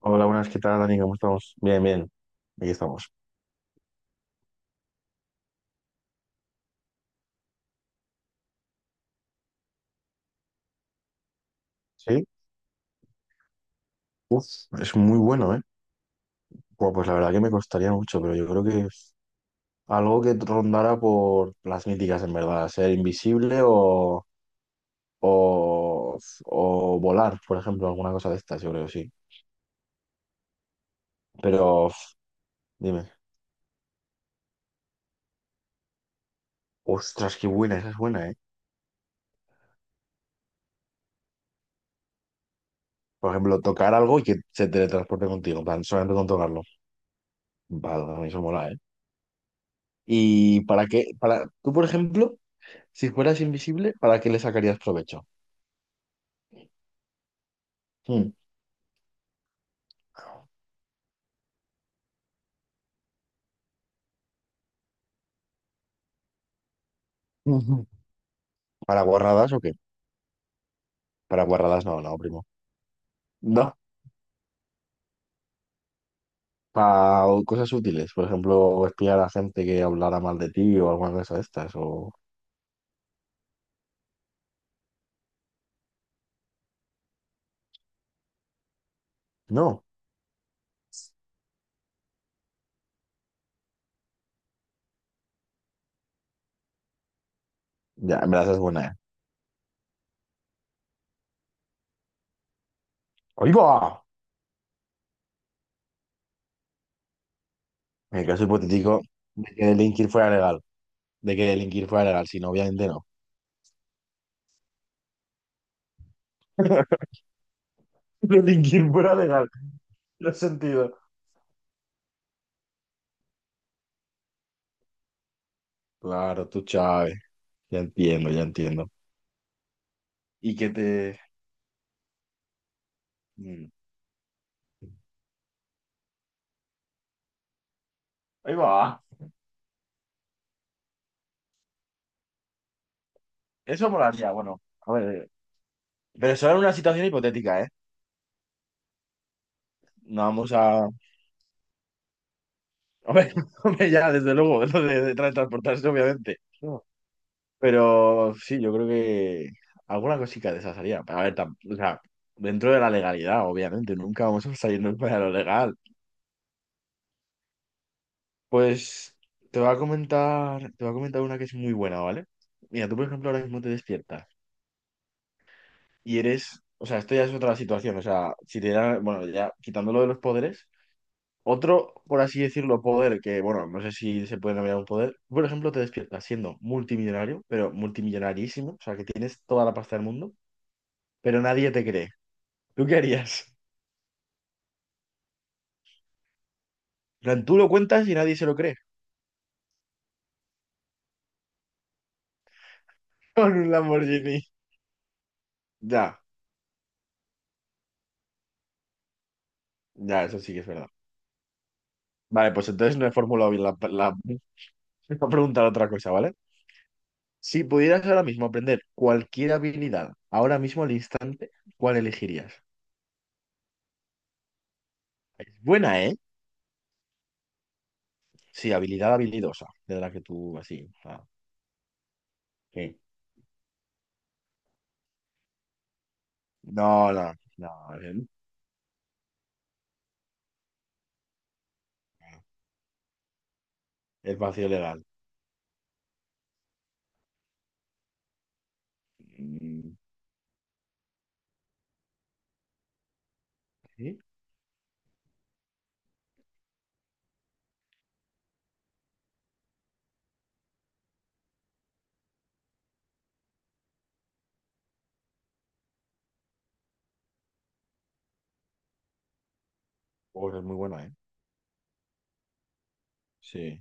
Hola, buenas, ¿qué tal, Dani? ¿Cómo estamos? Bien, bien, aquí estamos. Sí, uf, es muy bueno, ¿eh? Buah, pues la verdad que me costaría mucho, pero yo creo que es algo que rondara por las míticas, en verdad, ser invisible o, o volar, por ejemplo, alguna cosa de estas, yo creo, sí. Pero, uf, dime, ostras, qué buena, esa es buena, ¿eh? Por ejemplo, tocar algo y que se teletransporte contigo, en plan, solamente con tocarlo. Vale, a mí eso mola, ¿eh? Y para qué, para, tú, por ejemplo... Si fueras invisible, ¿para qué le sacarías provecho? Hmm. Ujú. ¿Para guarradas o qué? Para guarradas no, no, primo. No, para cosas útiles. Por ejemplo, espiar a gente que hablara mal de ti o alguna cosa de estas. O... No, ya, en verdad es buena, ¿eh? ¡Ahí va! En el caso hipotético de que delinquir fuera legal. De que delinquir fuera legal, si no, obviamente no. Delinquir fuera legal. No sentido. Claro, tú, Chávez. Ya entiendo, ya entiendo. Y que te... Mm. Ahí va. Eso molaría, bueno. A ver, pero solo en una situación hipotética, ¿eh? No vamos a... Hombre, hombre, ya, desde luego, lo de transportarse, obviamente. No. Pero sí, yo creo que alguna cosita de esas haría. A ver, o sea, dentro de la legalidad, obviamente, nunca vamos a salirnos para lo legal. Pues te voy a comentar, te voy a comentar una que es muy buena, ¿vale? Mira, tú, por ejemplo, ahora mismo te despiertas y eres, o sea, esto ya es otra situación, o sea, si te dan, bueno, ya quitándolo de los poderes. Otro, por así decirlo, poder que, bueno, no sé si se puede nombrar un poder. Por ejemplo, te despiertas siendo multimillonario, pero multimillonarísimo, o sea, que tienes toda la pasta del mundo, pero nadie te cree. ¿Tú qué harías? En plan, tú lo cuentas y nadie se lo cree. Con un Lamborghini. Ya, ya, eso sí que es verdad. Vale, pues entonces no he formulado bien la, la, la pregunta, otra cosa, ¿vale? Si pudieras ahora mismo aprender cualquier habilidad, ahora mismo al instante, ¿cuál elegirías? Es buena, ¿eh? Sí, habilidad habilidosa, de la que tú así. Ah, ok. No, el vacío legal. Mm, ¿sí? Oh, es muy buena, ¿eh? Sí,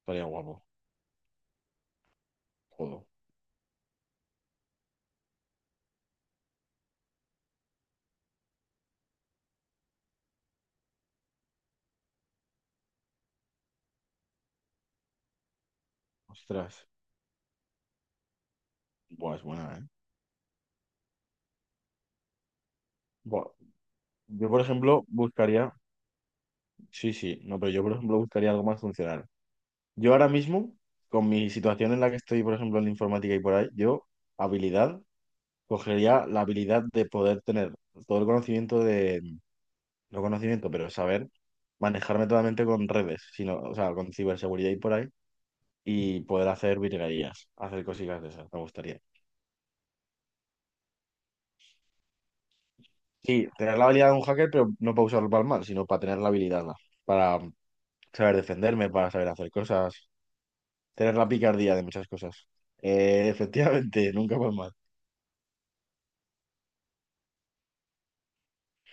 estaría guapo. Jodo. Ostras. Buah, es buena, ¿eh? Buah. Yo, por ejemplo, buscaría. Sí, sí, no, pero yo, por ejemplo, buscaría algo más funcional. Yo ahora mismo, con mi situación en la que estoy, por ejemplo, en la informática y por ahí, yo, habilidad, cogería la habilidad de poder tener todo el conocimiento de. No conocimiento, pero saber manejarme totalmente con redes, sino, o sea, con ciberseguridad y por ahí y poder hacer virguerías, hacer cositas de esas, me gustaría. Sí, tener la habilidad de un hacker, pero no para usarlo para el mal, sino para tener la habilidad, ¿no? Para saber defenderme, para saber hacer cosas, tener la picardía de muchas cosas. Efectivamente, nunca para el mal.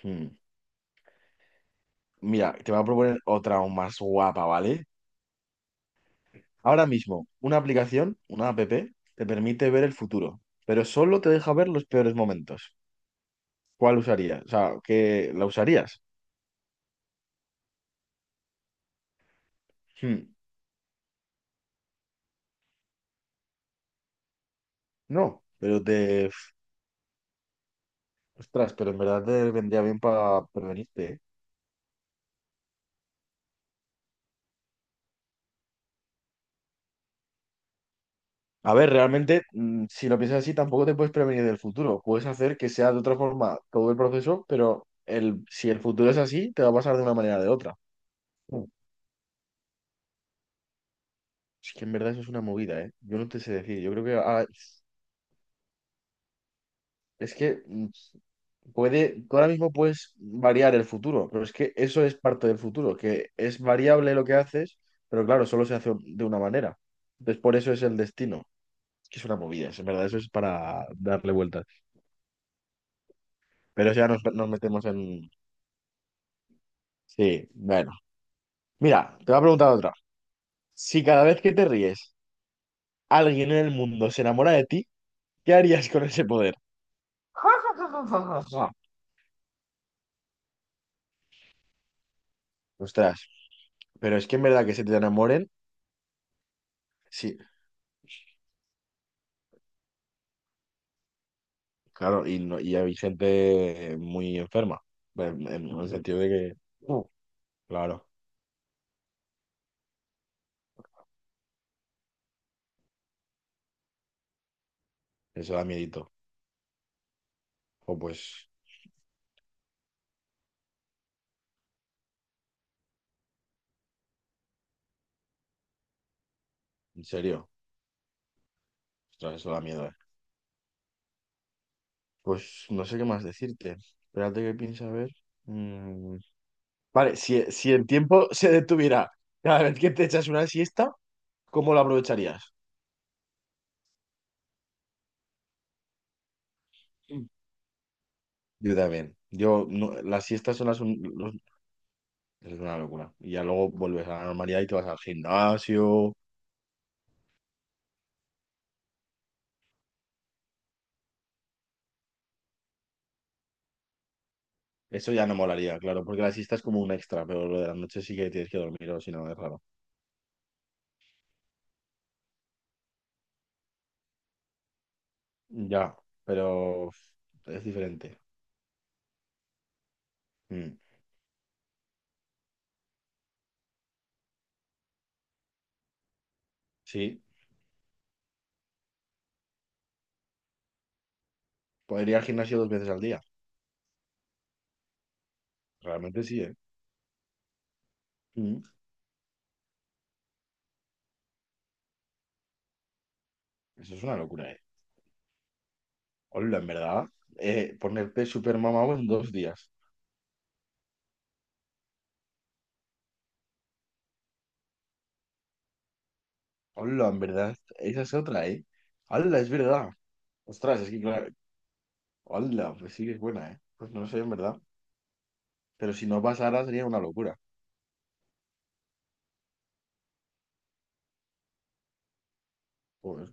Hmm. Mira, te voy a proponer otra aún más guapa, ¿vale? Ahora mismo, una aplicación, una app, te permite ver el futuro, pero solo te deja ver los peores momentos. ¿Cuál usarías? O sea, ¿qué la usarías? Hmm, no, pero te... Ostras, pero en verdad te vendría bien para prevenirte, ¿eh? A ver, realmente, si lo piensas así, tampoco te puedes prevenir del futuro. Puedes hacer que sea de otra forma todo el proceso, pero el, si el futuro es así, te va a pasar de una manera o de otra. Mm. Es que en verdad eso es una movida, ¿eh? Yo no te sé decir. Yo creo que es que puede, tú ahora mismo puedes variar el futuro, pero es que eso es parte del futuro, que es variable lo que haces, pero claro, solo se hace de una manera. Entonces, por eso es el destino. Que es una movida, es- en verdad, eso es para darle vueltas. Pero ya nos metemos en... Sí, bueno. Mira, te voy a preguntar otra. Si cada vez que te ríes, alguien en el mundo se enamora de ti, ¿qué harías con ese poder? Ostras, pero es que en verdad que se te enamoren, sí, claro, y, no, y hay gente muy enferma, en el sentido de que, uh, claro, eso da miedito. O pues, en serio, ostras, eso da miedo, eh. Pues no sé qué más decirte. Espérate que piensa a ver. Mm, vale, si el tiempo se detuviera cada vez que te echas una siesta, ¿cómo la aprovecharías? Mm. Yo también. Yo, no- las siestas son las... un- los- es una locura. Y ya luego vuelves a la normalidad y te vas al gimnasio. Eso ya no molaría, claro, porque la siesta es como un extra, pero lo de la noche sí que tienes que dormir o si no es raro. Ya, pero es diferente. Mm, Sí, podría ir al gimnasio 2 veces al día. Realmente sí, ¿eh? Mm. Eso es una locura, eh. Hola, en verdad. Ponerte super mamado en 2 días. Hola, en verdad. Esa es otra, eh. Hola, es verdad. Ostras, es que claro. Hola, pues sí que es buena, eh. Pues no sé, en verdad. Pero si no pasara sería una locura. Pues,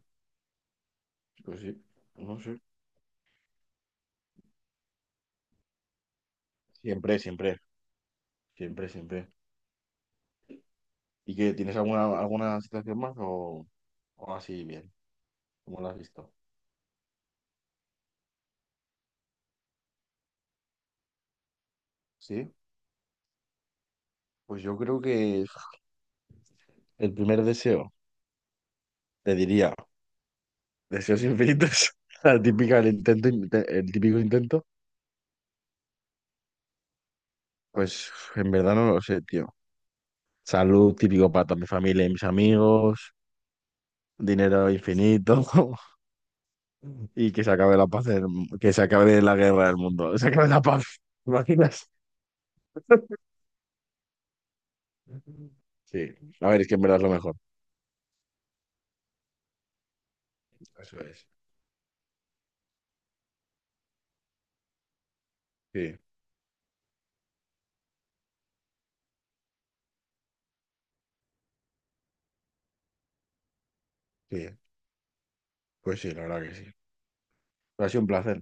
pues sí, no sé. Siempre, siempre, siempre, siempre. ¿Y qué? ¿Tienes alguna, alguna situación más o así bien? ¿Cómo la has visto? Sí. Pues yo creo que el primer deseo, te diría, deseos infinitos. La típica, el intento, el típico intento. Pues en verdad no lo sé, tío. Salud típico para toda mi familia y mis amigos, dinero infinito y que se acabe la paz, del- que se acabe la guerra del mundo, que se acabe la paz, ¿te imaginas? Sí, a ver, es que en verdad es lo mejor. Eso es. Sí, sí, pues sí, la verdad que sí. Ha sido un placer,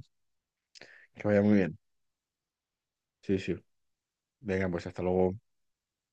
que vaya muy bien. Sí, sí. Venga, pues hasta luego.